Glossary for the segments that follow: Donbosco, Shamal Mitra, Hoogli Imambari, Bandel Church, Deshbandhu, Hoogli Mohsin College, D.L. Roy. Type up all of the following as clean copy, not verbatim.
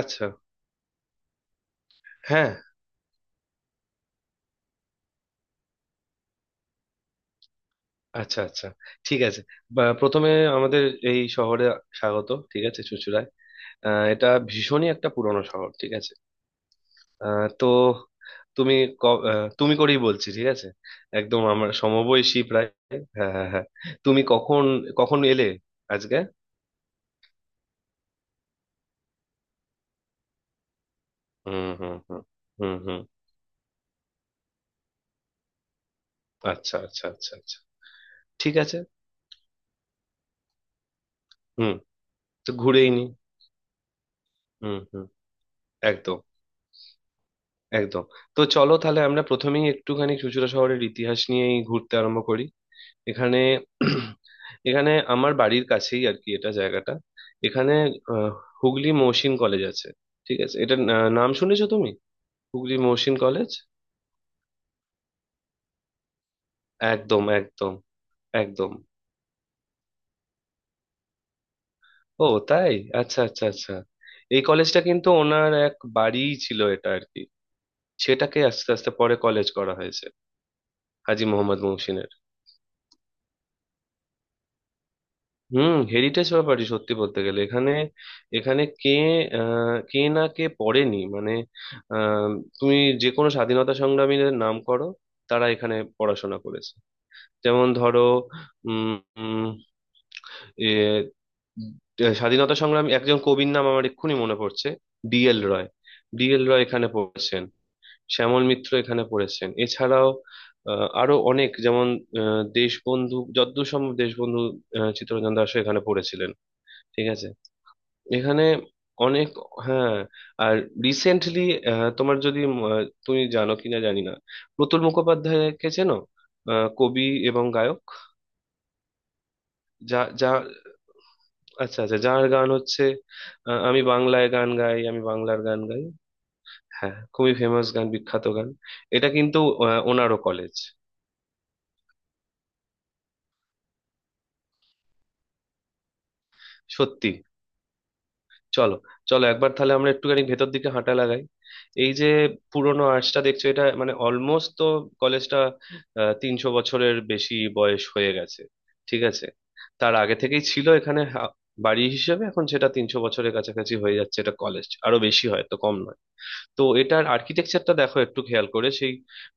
আচ্ছা, হ্যাঁ, আচ্ছা আচ্ছা, ঠিক আছে। বা প্রথমে আমাদের এই শহরে স্বাগত, ঠিক আছে, চুঁচুড়ায়। এটা ভীষণই একটা পুরনো শহর, ঠিক আছে। তো তুমি তুমি করেই বলছি, ঠিক আছে। একদম আমার সমবয়সী প্রায়। হ্যাঁ হ্যাঁ হ্যাঁ। তুমি কখন কখন এলে আজকে? হুম হুম হুম, হুম হুম, আচ্ছা আচ্ছা আচ্ছা আচ্ছা, ঠিক আছে। হুম, তো ঘুরেই নি। হুম হুম, একদম, একদম। তো চলো তাহলে আমরা প্রথমেই একটুখানি চুঁচুড়া শহরের ইতিহাস নিয়েই ঘুরতে আরম্ভ করি। এখানে, এখানে আমার বাড়ির কাছেই আর কি এটা জায়গাটা। এখানে আহ, হুগলি মহসিন কলেজ আছে, ঠিক আছে এটা। নাম শুনেছো তুমি, হুগলি মহসিন কলেজ? একদম, একদম, একদম। ও তাই? আচ্ছা আচ্ছা আচ্ছা। এই কলেজটা কিন্তু ওনার এক বাড়িই ছিল এটা আর কি। সেটাকে আস্তে আস্তে পরে কলেজ করা হয়েছে, হাজী মোহাম্মদ মহসিনের। হুম, হেরিটেজ ব্যাপারই সত্যি বলতে গেলে। এখানে, এখানে কে কে না কে পড়েনি, মানে আহ, তুমি যে কোনো স্বাধীনতা সংগ্রামীদের নাম করো, তারা এখানে পড়াশোনা করেছে। যেমন ধরো, উম উম, এ, স্বাধীনতা সংগ্রামী একজন কবির নাম আমার এক্ষুনি মনে পড়ছে, ডিএল রয়। ডিএল রয় এখানে পড়েছেন, শ্যামল মিত্র এখানে পড়েছেন। এছাড়াও আরো অনেক, যেমন দেশবন্ধু, যদ্দূর সম্ভব দেশবন্ধু চিত্তরঞ্জন দাশও এখানে পড়েছিলেন, ঠিক আছে। এখানে অনেক, হ্যাঁ। আর রিসেন্টলি তোমার, যদি তুমি জানো কিনা জানি না, প্রতুল মুখোপাধ্যায়কে চেনো? কবি এবং গায়ক। যা যা, আচ্ছা আচ্ছা, যার গান হচ্ছে আমি বাংলায় গান গাই, আমি বাংলার গান গাই। হ্যাঁ, খুবই ফেমাস গান, বিখ্যাত গান। এটা কিন্তু ওনারও কলেজ। সত্যি। চলো, চলো একবার তাহলে আমরা একটুখানি ভেতর দিকে হাঁটা লাগাই। এই যে পুরোনো আর্চটা দেখছো, এটা মানে অলমোস্ট তো, কলেজটা 300 বছরের বেশি বয়স হয়ে গেছে, ঠিক আছে। তার আগে থেকেই ছিল এখানে বাড়ি হিসেবে। এখন সেটা 300 বছরের কাছাকাছি হয়ে যাচ্ছে, এটা কলেজ, আরো বেশি হয় তো কম নয়। তো এটার আর্কিটেকচারটা দেখো একটু খেয়াল করে, সেই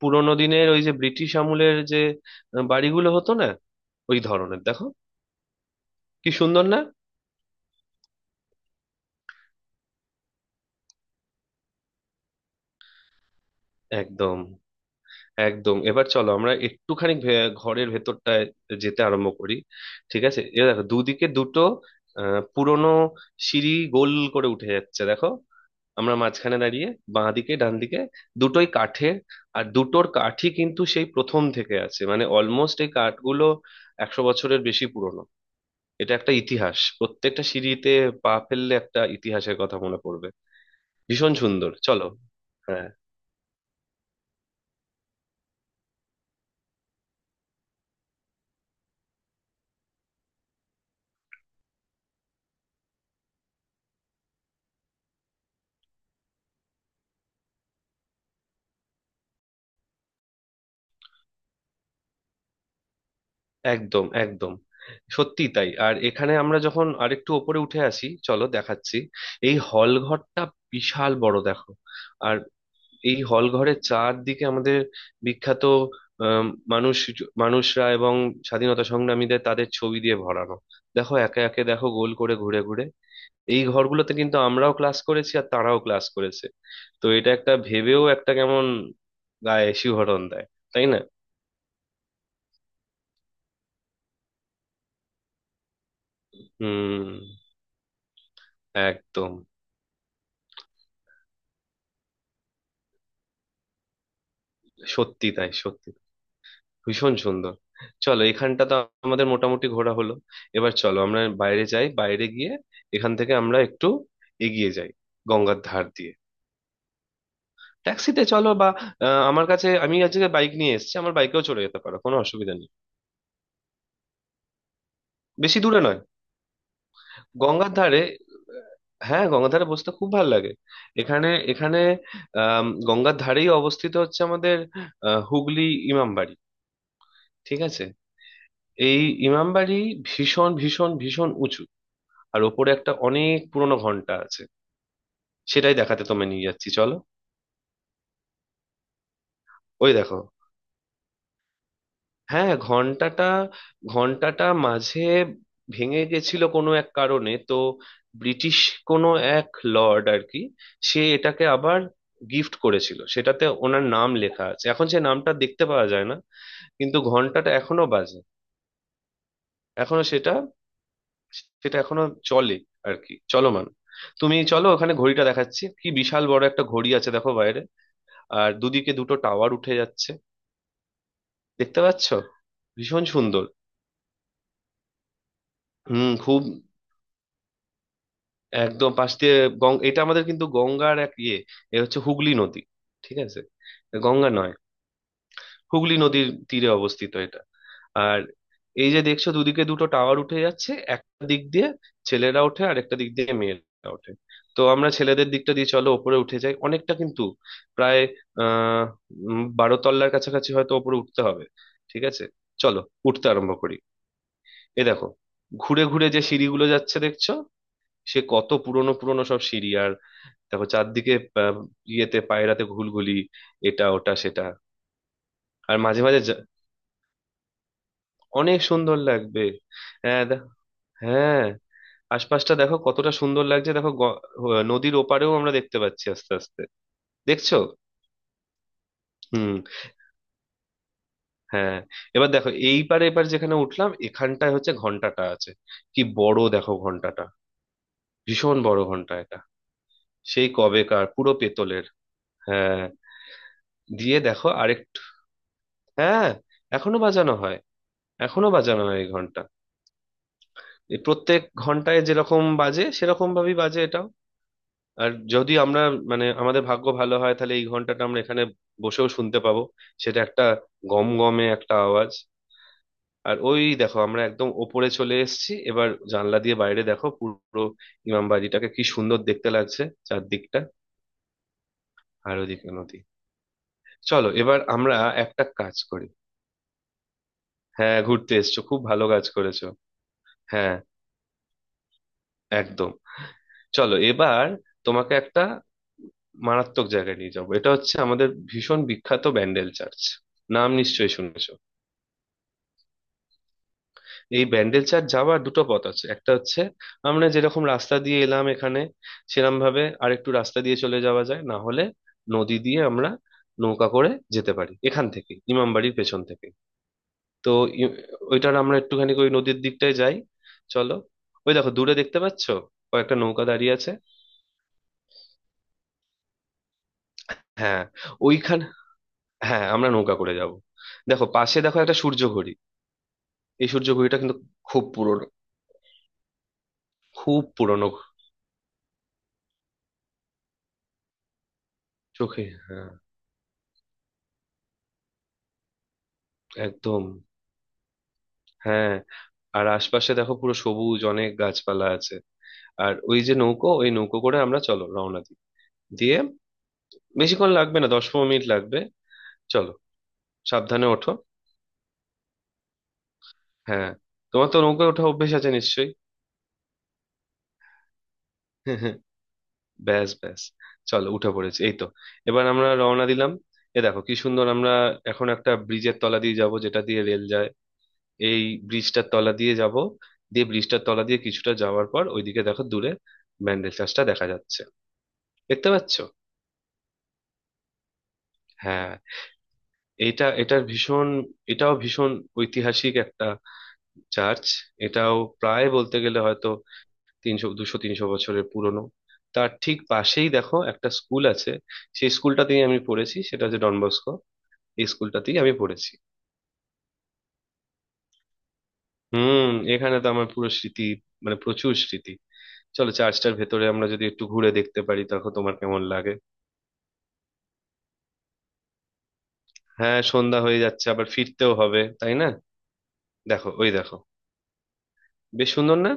পুরোনো দিনের ওই যে ব্রিটিশ আমলের যে বাড়িগুলো হতো না, ওই ধরনের দেখো। কি সুন্দর না! একদম, একদম। এবার চলো আমরা একটুখানি ঘরের ভেতরটায় যেতে আরম্ভ করি। ঠিক আছে, এ দেখো দুদিকে দুটো পুরোনো সিঁড়ি গোল করে উঠে যাচ্ছে, দেখো। আমরা মাঝখানে দাঁড়িয়ে, বাঁ দিকে ডান দিকে দুটোই কাঠের। আর দুটোর কাঠই কিন্তু সেই প্রথম থেকে আছে, মানে অলমোস্ট এই কাঠগুলো 100 বছরের বেশি পুরনো। এটা একটা ইতিহাস, প্রত্যেকটা সিঁড়িতে পা ফেললে একটা ইতিহাসের কথা মনে পড়বে। ভীষণ সুন্দর, চলো। হ্যাঁ, একদম, একদম। সত্যি তাই। আর এখানে আমরা যখন আরেকটু ওপরে উঠে আসি, চলো দেখাচ্ছি, এই হল ঘরটা, বিশাল বড় দেখো। আর এই হল ঘরের চারদিকে আমাদের বিখ্যাত আম, মানুষ, মানুষরা এবং স্বাধীনতা সংগ্রামীদের তাদের ছবি দিয়ে ভরানো। দেখো একে একে দেখো, গোল করে ঘুরে ঘুরে। এই ঘরগুলোতে কিন্তু আমরাও ক্লাস করেছি, আর তারাও ক্লাস করেছে। তো এটা একটা ভেবেও একটা কেমন গায়ে শিহরণ দেয়, তাই না? হুম, একদম। সত্যি তাই, সত্যি ভীষণ সুন্দর। চলো, এখানটা তো আমাদের মোটামুটি ঘোরা হলো। এবার চলো আমরা বাইরে যাই, বাইরে গিয়ে এখান থেকে আমরা একটু এগিয়ে যাই গঙ্গার ধার দিয়ে। ট্যাক্সিতে চলো। বা আমার কাছে, আমি আজকে বাইক নিয়ে এসেছি, আমার বাইকেও চলে যেতে পারো, কোনো অসুবিধা নেই। বেশি দূরে নয়। গঙ্গার ধারে, হ্যাঁ গঙ্গার ধারে বসতে খুব ভালো লাগে। এখানে, এখানে আহ, গঙ্গার ধারেই অবস্থিত হচ্ছে আমাদের আহ, হুগলি ইমামবাড়ি, ঠিক আছে। এই ইমামবাড়ি ভীষণ ভীষণ ভীষণ উঁচু, আর ওপরে একটা অনেক পুরনো ঘন্টা আছে। সেটাই দেখাতে তোমায় নিয়ে যাচ্ছি, চলো। ওই দেখো, হ্যাঁ, ঘন্টাটা, ঘন্টাটা মাঝে ভেঙে গেছিল কোনো এক কারণে, তো ব্রিটিশ কোনো এক লর্ড আর কি, সে এটাকে আবার গিফট করেছিল, সেটাতে ওনার নাম লেখা আছে। এখন সে নামটা দেখতে পাওয়া যায় না, কিন্তু ঘন্টাটা এখনো বাজে। এখনো সেটা, সেটা এখনো চলে আর কি, চলমান। তুমি চলো ওখানে, ঘড়িটা দেখাচ্ছি। কি বিশাল বড় একটা ঘড়ি আছে দেখো বাইরে, আর দুদিকে দুটো টাওয়ার উঠে যাচ্ছে। দেখতে পাচ্ছ? ভীষণ সুন্দর। হুম, খুব। একদম পাশ দিয়ে। গং, এটা আমাদের কিন্তু গঙ্গার এক ইয়ে, এ হচ্ছে হুগলি নদী, ঠিক আছে, গঙ্গা নয়। হুগলি নদীর তীরে অবস্থিত এটা। আর এই যে দেখছো দুদিকে দুটো টাওয়ার উঠে যাচ্ছে, একটা দিক দিয়ে ছেলেরা ওঠে আর একটা দিক দিয়ে মেয়েরা ওঠে। তো আমরা ছেলেদের দিকটা দিয়ে চলো ওপরে উঠে যাই, অনেকটা কিন্তু, প্রায় আহ 12 তলার কাছাকাছি হয়তো ওপরে উঠতে হবে, ঠিক আছে। চলো, উঠতে আরম্ভ করি। এ দেখো, ঘুরে ঘুরে যে সিঁড়িগুলো যাচ্ছে দেখছো, সে কত পুরনো পুরনো সব সিঁড়ি। আর দেখো চারদিকে আহ, ইয়েতে পায়রাতে ঘুলঘুলি, এটা ওটা সেটা। আর মাঝে মাঝে অনেক সুন্দর লাগবে। হ্যাঁ হ্যাঁ, আশপাশটা দেখো কতটা সুন্দর লাগছে, দেখো নদীর ওপারেও আমরা দেখতে পাচ্ছি আস্তে আস্তে, দেখছো? হুম, হ্যাঁ। এবার দেখো এইবারে, এবার যেখানে উঠলাম এখানটায় হচ্ছে ঘন্টাটা আছে, কি বড় দেখো ঘন্টাটা, ভীষণ বড় ঘন্টা এটা, সেই কবেকার, পুরো পেতলের। হ্যাঁ, দিয়ে দেখো আরেকটু। হ্যাঁ, এখনো বাজানো হয়, এখনো বাজানো হয় এই ঘন্টা। এই প্রত্যেক ঘন্টায় যেরকম বাজে, সেরকম ভাবেই বাজে এটাও। আর যদি আমরা, মানে আমাদের ভাগ্য ভালো হয়, তাহলে এই ঘন্টাটা আমরা এখানে বসেও শুনতে পাবো। সেটা একটা গম গমে একটা আওয়াজ। আর ওই দেখো, আমরা একদম ওপরে চলে এসেছি, এবার জানলা দিয়ে বাইরে দেখো পুরো ইমামবাড়িটাকে কি সুন্দর দেখতে লাগছে, চারদিকটা। আর ওদিকে নদী। চলো, এবার আমরা একটা কাজ করি। হ্যাঁ, ঘুরতে এসছো, খুব ভালো কাজ করেছো। হ্যাঁ, একদম। চলো এবার তোমাকে একটা মারাত্মক জায়গায় নিয়ে যাবো, এটা হচ্ছে আমাদের ভীষণ বিখ্যাত ব্যান্ডেল চার্চ, নাম নিশ্চয়ই শুনেছো। এই ব্যান্ডেল চার্চ যাওয়ার দুটো পথ আছে। একটা হচ্ছে আমরা যেরকম রাস্তা দিয়ে এলাম এখানে, সেরকম ভাবে আরেকটু রাস্তা দিয়ে চলে যাওয়া যায়, না হলে নদী দিয়ে আমরা নৌকা করে যেতে পারি, এখান থেকে ইমামবাড়ির পেছন থেকে। তো ই- ওইটার, আমরা একটুখানি ওই নদীর দিকটায় যাই, চলো। ওই দেখো দূরে দেখতে পাচ্ছো, কয়েকটা নৌকা দাঁড়িয়ে আছে। হ্যাঁ, ওইখান, হ্যাঁ আমরা নৌকা করে যাব। দেখো পাশে দেখো, একটা সূর্য ঘড়ি। এই সূর্য ঘড়িটা কিন্তু খুব পুরনো, খুব পুরনো। চোখে, হ্যাঁ, একদম। হ্যাঁ। আর আশপাশে দেখো, পুরো সবুজ, অনেক গাছপালা আছে। আর ওই যে নৌকো, ওই নৌকো করে আমরা চলো রওনা দিই। দিয়ে, বেশিক্ষণ লাগবে না, 10-15 মিনিট লাগবে। চলো, সাবধানে ওঠো। হ্যাঁ, তোমার তো নৌকা ওঠা অভ্যেস আছে নিশ্চয়ই। ব্যাস ব্যাস, চলো উঠে পড়েছি, এই তো। এবার আমরা রওনা দিলাম। এ দেখো, কি সুন্দর! আমরা এখন একটা ব্রিজের তলা দিয়ে যাব, যেটা দিয়ে রেল যায়, এই ব্রিজটার তলা দিয়ে যাব। দিয়ে ব্রিজটার তলা দিয়ে কিছুটা যাওয়ার পর, ওইদিকে দেখো দূরে, ব্যান্ডেল চার্চটা দেখা যাচ্ছে, দেখতে পাচ্ছ? হ্যাঁ, এটা এটার ভীষণ, এটাও ভীষণ ঐতিহাসিক একটা চার্চ। এটাও প্রায় বলতে গেলে হয়তো 300, 200-300 বছরের পুরনো। তার ঠিক পাশেই দেখো একটা স্কুল আছে, সেই স্কুলটাতেই আমি পড়েছি, সেটা হচ্ছে ডনবস্কো, এই স্কুলটাতেই আমি পড়েছি। হুম, এখানে তো আমার পুরো স্মৃতি, মানে প্রচুর স্মৃতি। চলো, চার্চটার ভেতরে আমরা যদি একটু ঘুরে দেখতে পারি, তখন তোমার কেমন লাগে। হ্যাঁ, সন্ধ্যা হয়ে যাচ্ছে, আবার ফিরতেও হবে, তাই না। দেখো, ওই দেখো, বেশ সুন্দর না?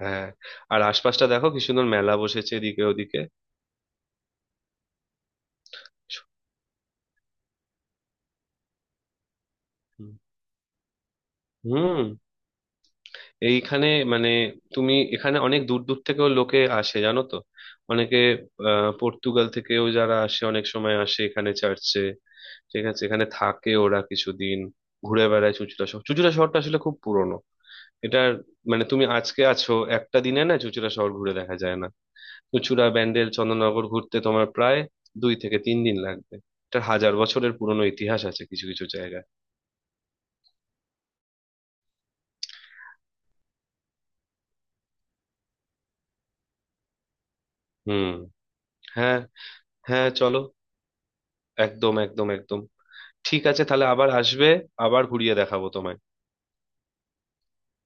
হ্যাঁ। আর আশপাশটা দেখো, কি সুন্দর মেলা বসেছে এদিকে ওদিকে। হুম, হুম, এইখানে, মানে তুমি, এখানে অনেক দূর দূর থেকেও লোকে আসে, জানো তো। অনেকে আহ, পর্তুগাল থেকেও যারা আসে অনেক সময়, আসে এখানে চার্চে, ঠিক আছে। এখানে থাকে ওরা কিছুদিন, ঘুরে বেড়ায় চুঁচুড়া শহর। চুঁচুড়া শহরটা আসলে খুব পুরনো। এটার, মানে তুমি আজকে আছো একটা দিনে, না, চুঁচুড়া শহর ঘুরে দেখা যায় না। চুঁচুড়া ব্যান্ডেল চন্দননগর ঘুরতে তোমার প্রায় 2-3 দিন লাগবে। এটার হাজার বছরের পুরনো ইতিহাস আছে কিছু কিছু জায়গায়। হুম, হ্যাঁ হ্যাঁ, চলো, একদম একদম একদম। ঠিক আছে, তাহলে আবার আসবে, আবার ঘুরিয়ে দেখাবো তোমায়।